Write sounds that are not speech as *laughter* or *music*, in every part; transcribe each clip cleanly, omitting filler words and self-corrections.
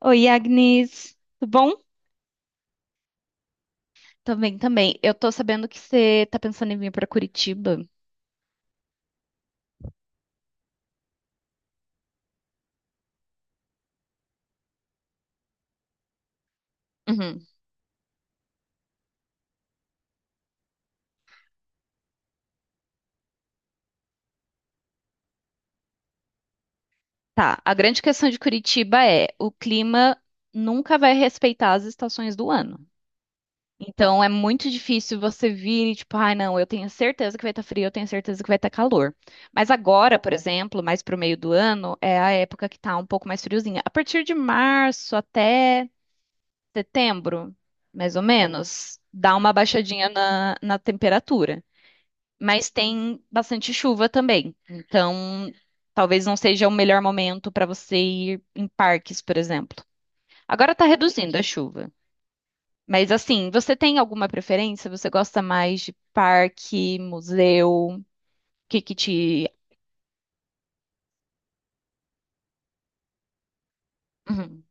Oi, Agnes. Tudo bom? Também. Eu tô sabendo que você tá pensando em vir pra Curitiba. Uhum. Tá. A grande questão de Curitiba é o clima nunca vai respeitar as estações do ano. Então é muito difícil você vir e tipo, ai, não, eu tenho certeza que vai estar frio, eu tenho certeza que vai estar calor. Mas agora, por exemplo, mais pro meio do ano, é a época que tá um pouco mais friozinha. A partir de março até setembro, mais ou menos, dá uma baixadinha na temperatura. Mas tem bastante chuva também. Então, talvez não seja o melhor momento para você ir em parques, por exemplo. Agora está reduzindo a chuva. Mas assim, você tem alguma preferência? Você gosta mais de parque, museu? O que que te. Uhum,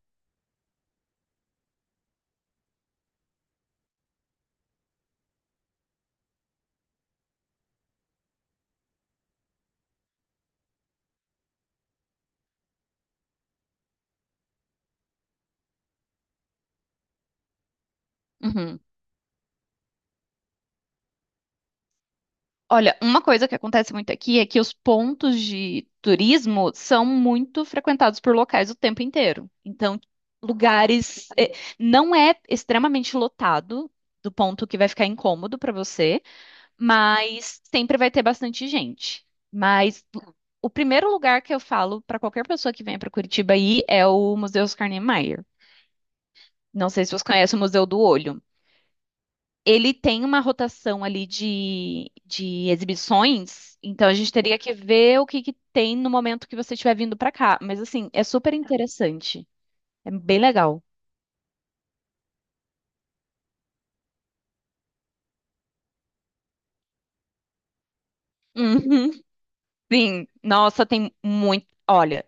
uhum. Olha, uma coisa que acontece muito aqui é que os pontos de turismo são muito frequentados por locais o tempo inteiro. Então, lugares. Não é extremamente lotado, do ponto que vai ficar incômodo para você, mas sempre vai ter bastante gente. Mas o primeiro lugar que eu falo para qualquer pessoa que venha para Curitiba aí é o Museu Oscar Niemeyer. Não sei se você conhece o Museu do Olho. Ele tem uma rotação ali de exibições, então a gente teria que ver o que que tem no momento que você estiver vindo pra cá. Mas assim, é super interessante. É bem legal. Uhum, sim. Nossa, tem muito. Olha,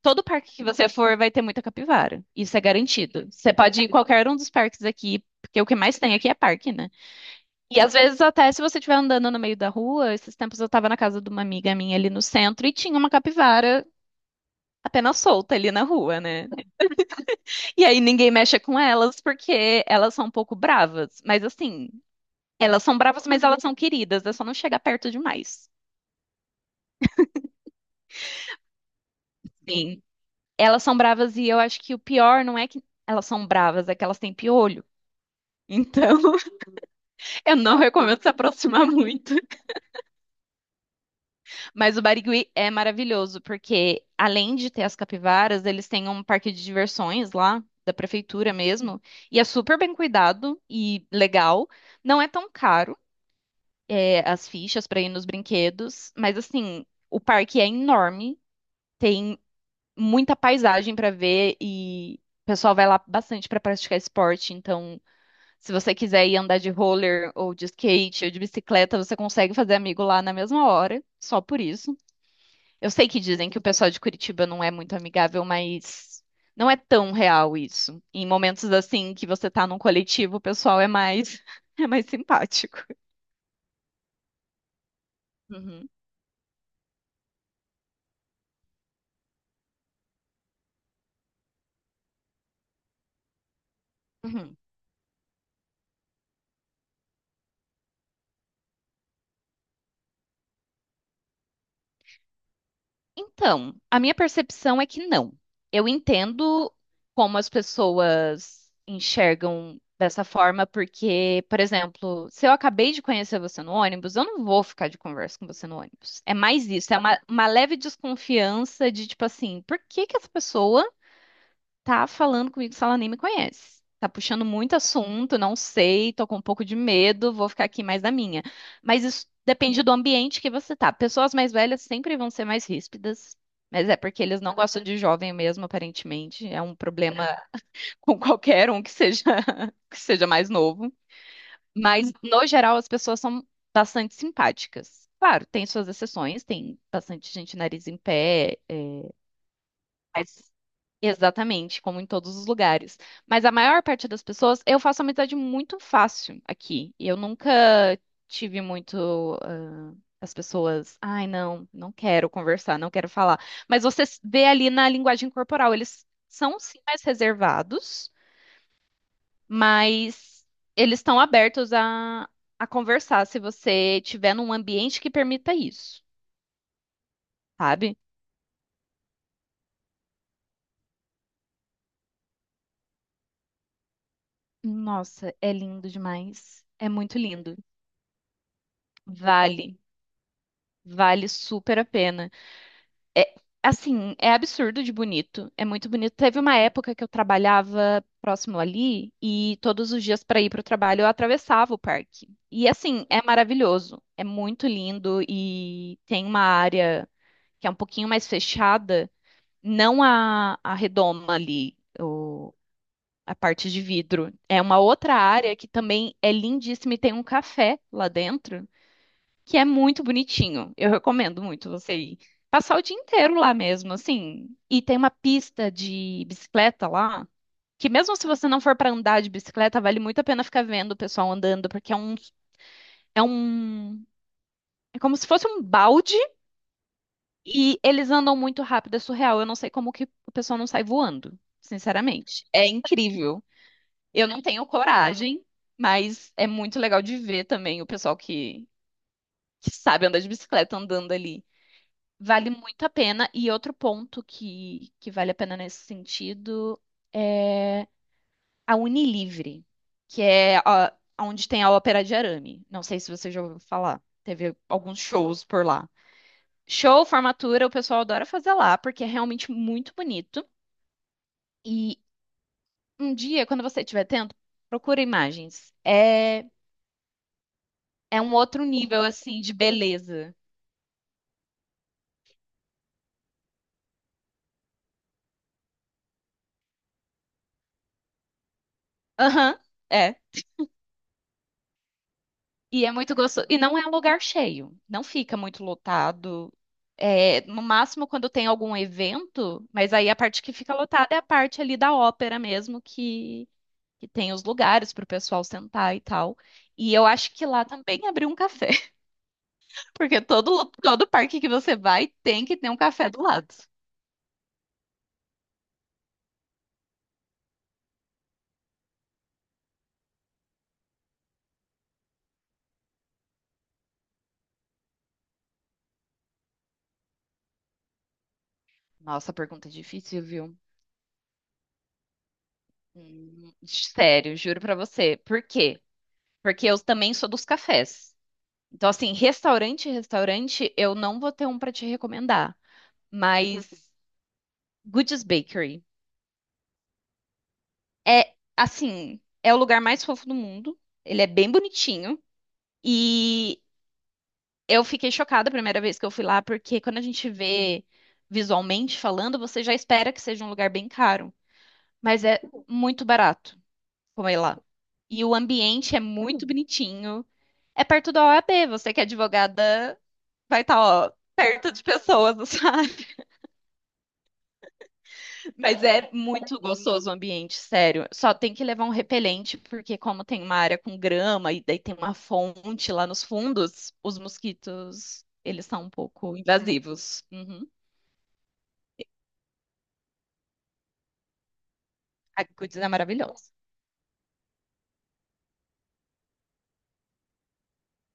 todo parque que você for vai ter muita capivara. Isso é garantido. Você pode ir em qualquer um dos parques aqui, porque o que mais tem aqui é parque, né? E às vezes até se você estiver andando no meio da rua, esses tempos eu tava na casa de uma amiga minha ali no centro e tinha uma capivara apenas solta ali na rua, né? E aí ninguém mexe com elas porque elas são um pouco bravas. Mas assim, elas são bravas, mas elas são queridas. É só não chegar perto demais. Sim. Elas são bravas e eu acho que o pior não é que elas são bravas, é que elas têm piolho. Então, *laughs* eu não recomendo se aproximar muito. Mas o Barigui é maravilhoso, porque além de ter as capivaras, eles têm um parque de diversões lá, da prefeitura mesmo. E é super bem cuidado e legal. Não é tão caro. É, as fichas para ir nos brinquedos, mas assim, o parque é enorme, tem muita paisagem para ver e o pessoal vai lá bastante para praticar esporte, então se você quiser ir andar de roller ou de skate ou de bicicleta, você consegue fazer amigo lá na mesma hora, só por isso. Eu sei que dizem que o pessoal de Curitiba não é muito amigável, mas não é tão real isso. Em momentos assim que você tá num coletivo, o pessoal é mais *laughs* é mais simpático. Uhum, uhum. Então, a minha percepção é que não. Eu entendo como as pessoas enxergam dessa forma, porque, por exemplo, se eu acabei de conhecer você no ônibus, eu não vou ficar de conversa com você no ônibus. É mais isso, é uma leve desconfiança de tipo assim, por que que essa pessoa tá falando comigo se ela nem me conhece. Tá puxando muito assunto, não sei, tô com um pouco de medo, vou ficar aqui mais na minha. Mas isso depende do ambiente que você tá. Pessoas mais velhas sempre vão ser mais ríspidas, mas é porque eles não gostam de jovem mesmo, aparentemente. É um problema *laughs* com qualquer um que seja *laughs* que seja mais novo. Mas no geral as pessoas são bastante simpáticas. Claro, tem suas exceções, tem bastante gente nariz em pé, mas exatamente, como em todos os lugares. Mas a maior parte das pessoas, eu faço amizade muito fácil aqui. Eu nunca tive muito, ah, as pessoas, ai, não, não quero conversar, não quero falar. Mas você vê ali na linguagem corporal, eles são sim mais reservados, mas eles estão abertos a conversar se você tiver num ambiente que permita isso, sabe? Nossa, é lindo demais. É muito lindo. Vale. Vale super a pena. É, assim, é absurdo de bonito. É muito bonito. Teve uma época que eu trabalhava próximo ali e todos os dias para ir para o trabalho eu atravessava o parque. E assim, é maravilhoso. É muito lindo e tem uma área que é um pouquinho mais fechada, não a redoma ali, o, a parte de vidro. É uma outra área que também é lindíssima e tem um café lá dentro que é muito bonitinho. Eu recomendo muito você ir. Passar o dia inteiro lá mesmo, assim. E tem uma pista de bicicleta lá, que mesmo se você não for para andar de bicicleta, vale muito a pena ficar vendo o pessoal andando, porque é um, é como se fosse um balde e eles andam muito rápido, é surreal. Eu não sei como que o pessoal não sai voando, sinceramente. É incrível. Eu não tenho coragem, mas é muito legal de ver também o pessoal que sabe andar de bicicleta andando ali. Vale muito a pena. E outro ponto que vale a pena nesse sentido é a Unilivre, que é onde tem a Ópera de Arame. Não sei se você já ouviu falar. Teve alguns shows por lá. Show, formatura, o pessoal adora fazer lá, porque é realmente muito bonito. E um dia, quando você estiver tendo, procura imagens. É, é um outro nível, assim, de beleza. Aham, é. E é muito gostoso. E não é um lugar cheio, não fica muito lotado. É, no máximo quando tem algum evento, mas aí a parte que fica lotada é a parte ali da ópera mesmo, que tem os lugares para o pessoal sentar e tal. E eu acho que lá também abriu um café, *laughs* porque todo parque que você vai tem que ter um café do lado. Nossa, pergunta difícil, viu? Sério, juro pra você. Por quê? Porque eu também sou dos cafés. Então, assim, restaurante, eu não vou ter um pra te recomendar, mas Goodies Bakery é, assim, é o lugar mais fofo do mundo. Ele é bem bonitinho e eu fiquei chocada a primeira vez que eu fui lá, porque quando a gente vê visualmente falando, você já espera que seja um lugar bem caro, mas é muito barato comer lá. E o ambiente é muito bonitinho. É perto da OAB, você que é advogada, vai estar, ó, perto de pessoas, *laughs* sabe? Mas é muito gostoso o ambiente, sério. Só tem que levar um repelente, porque como tem uma área com grama e daí tem uma fonte lá nos fundos, os mosquitos, eles são um pouco invasivos. Uhum. A Goodies é maravilhosa.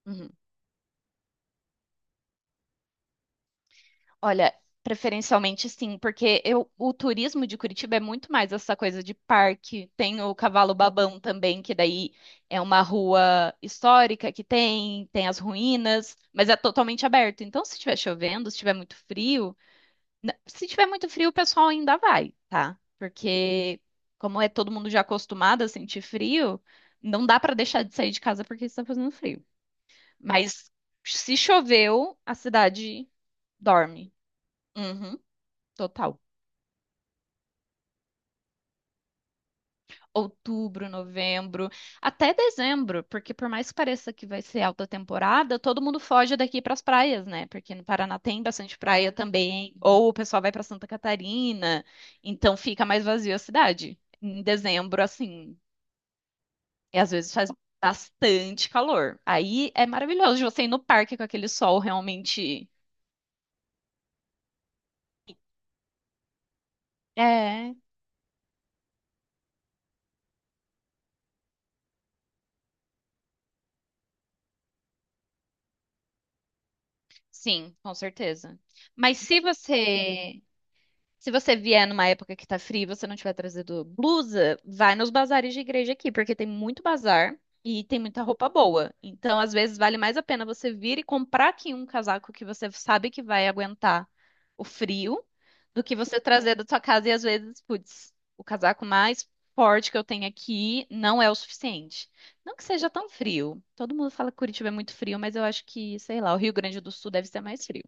Uhum. Olha, preferencialmente sim, porque eu, o turismo de Curitiba é muito mais essa coisa de parque. Tem o Cavalo Babão também, que daí é uma rua histórica que tem, tem as ruínas, mas é totalmente aberto. Então, se estiver chovendo, se estiver muito frio, se tiver muito frio, o pessoal ainda vai, tá? Porque como é todo mundo já acostumado a sentir frio, não dá pra deixar de sair de casa porque está fazendo frio. Mas se choveu, a cidade dorme. Uhum, total. Outubro, novembro, até dezembro, porque por mais que pareça que vai ser alta temporada, todo mundo foge daqui para as praias, né? Porque no Paraná tem bastante praia também, ou o pessoal vai para Santa Catarina, então fica mais vazio a cidade. Em dezembro, assim, e às vezes faz bastante calor. Aí é maravilhoso de você ir no parque com aquele sol realmente. É, sim, com certeza. Mas se você Se você vier numa época que tá frio e você não tiver trazido blusa, vai nos bazares de igreja aqui, porque tem muito bazar e tem muita roupa boa. Então, às vezes, vale mais a pena você vir e comprar aqui um casaco que você sabe que vai aguentar o frio do que você trazer da sua casa e às vezes, putz, o casaco mais forte que eu tenho aqui não é o suficiente. Não que seja tão frio. Todo mundo fala que Curitiba é muito frio, mas eu acho que, sei lá, o Rio Grande do Sul deve ser mais frio.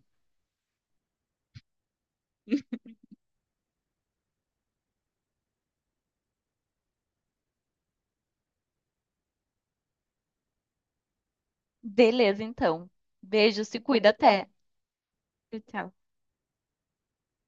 Beleza, então. Beijo, se cuida, até. Tchau, tchau.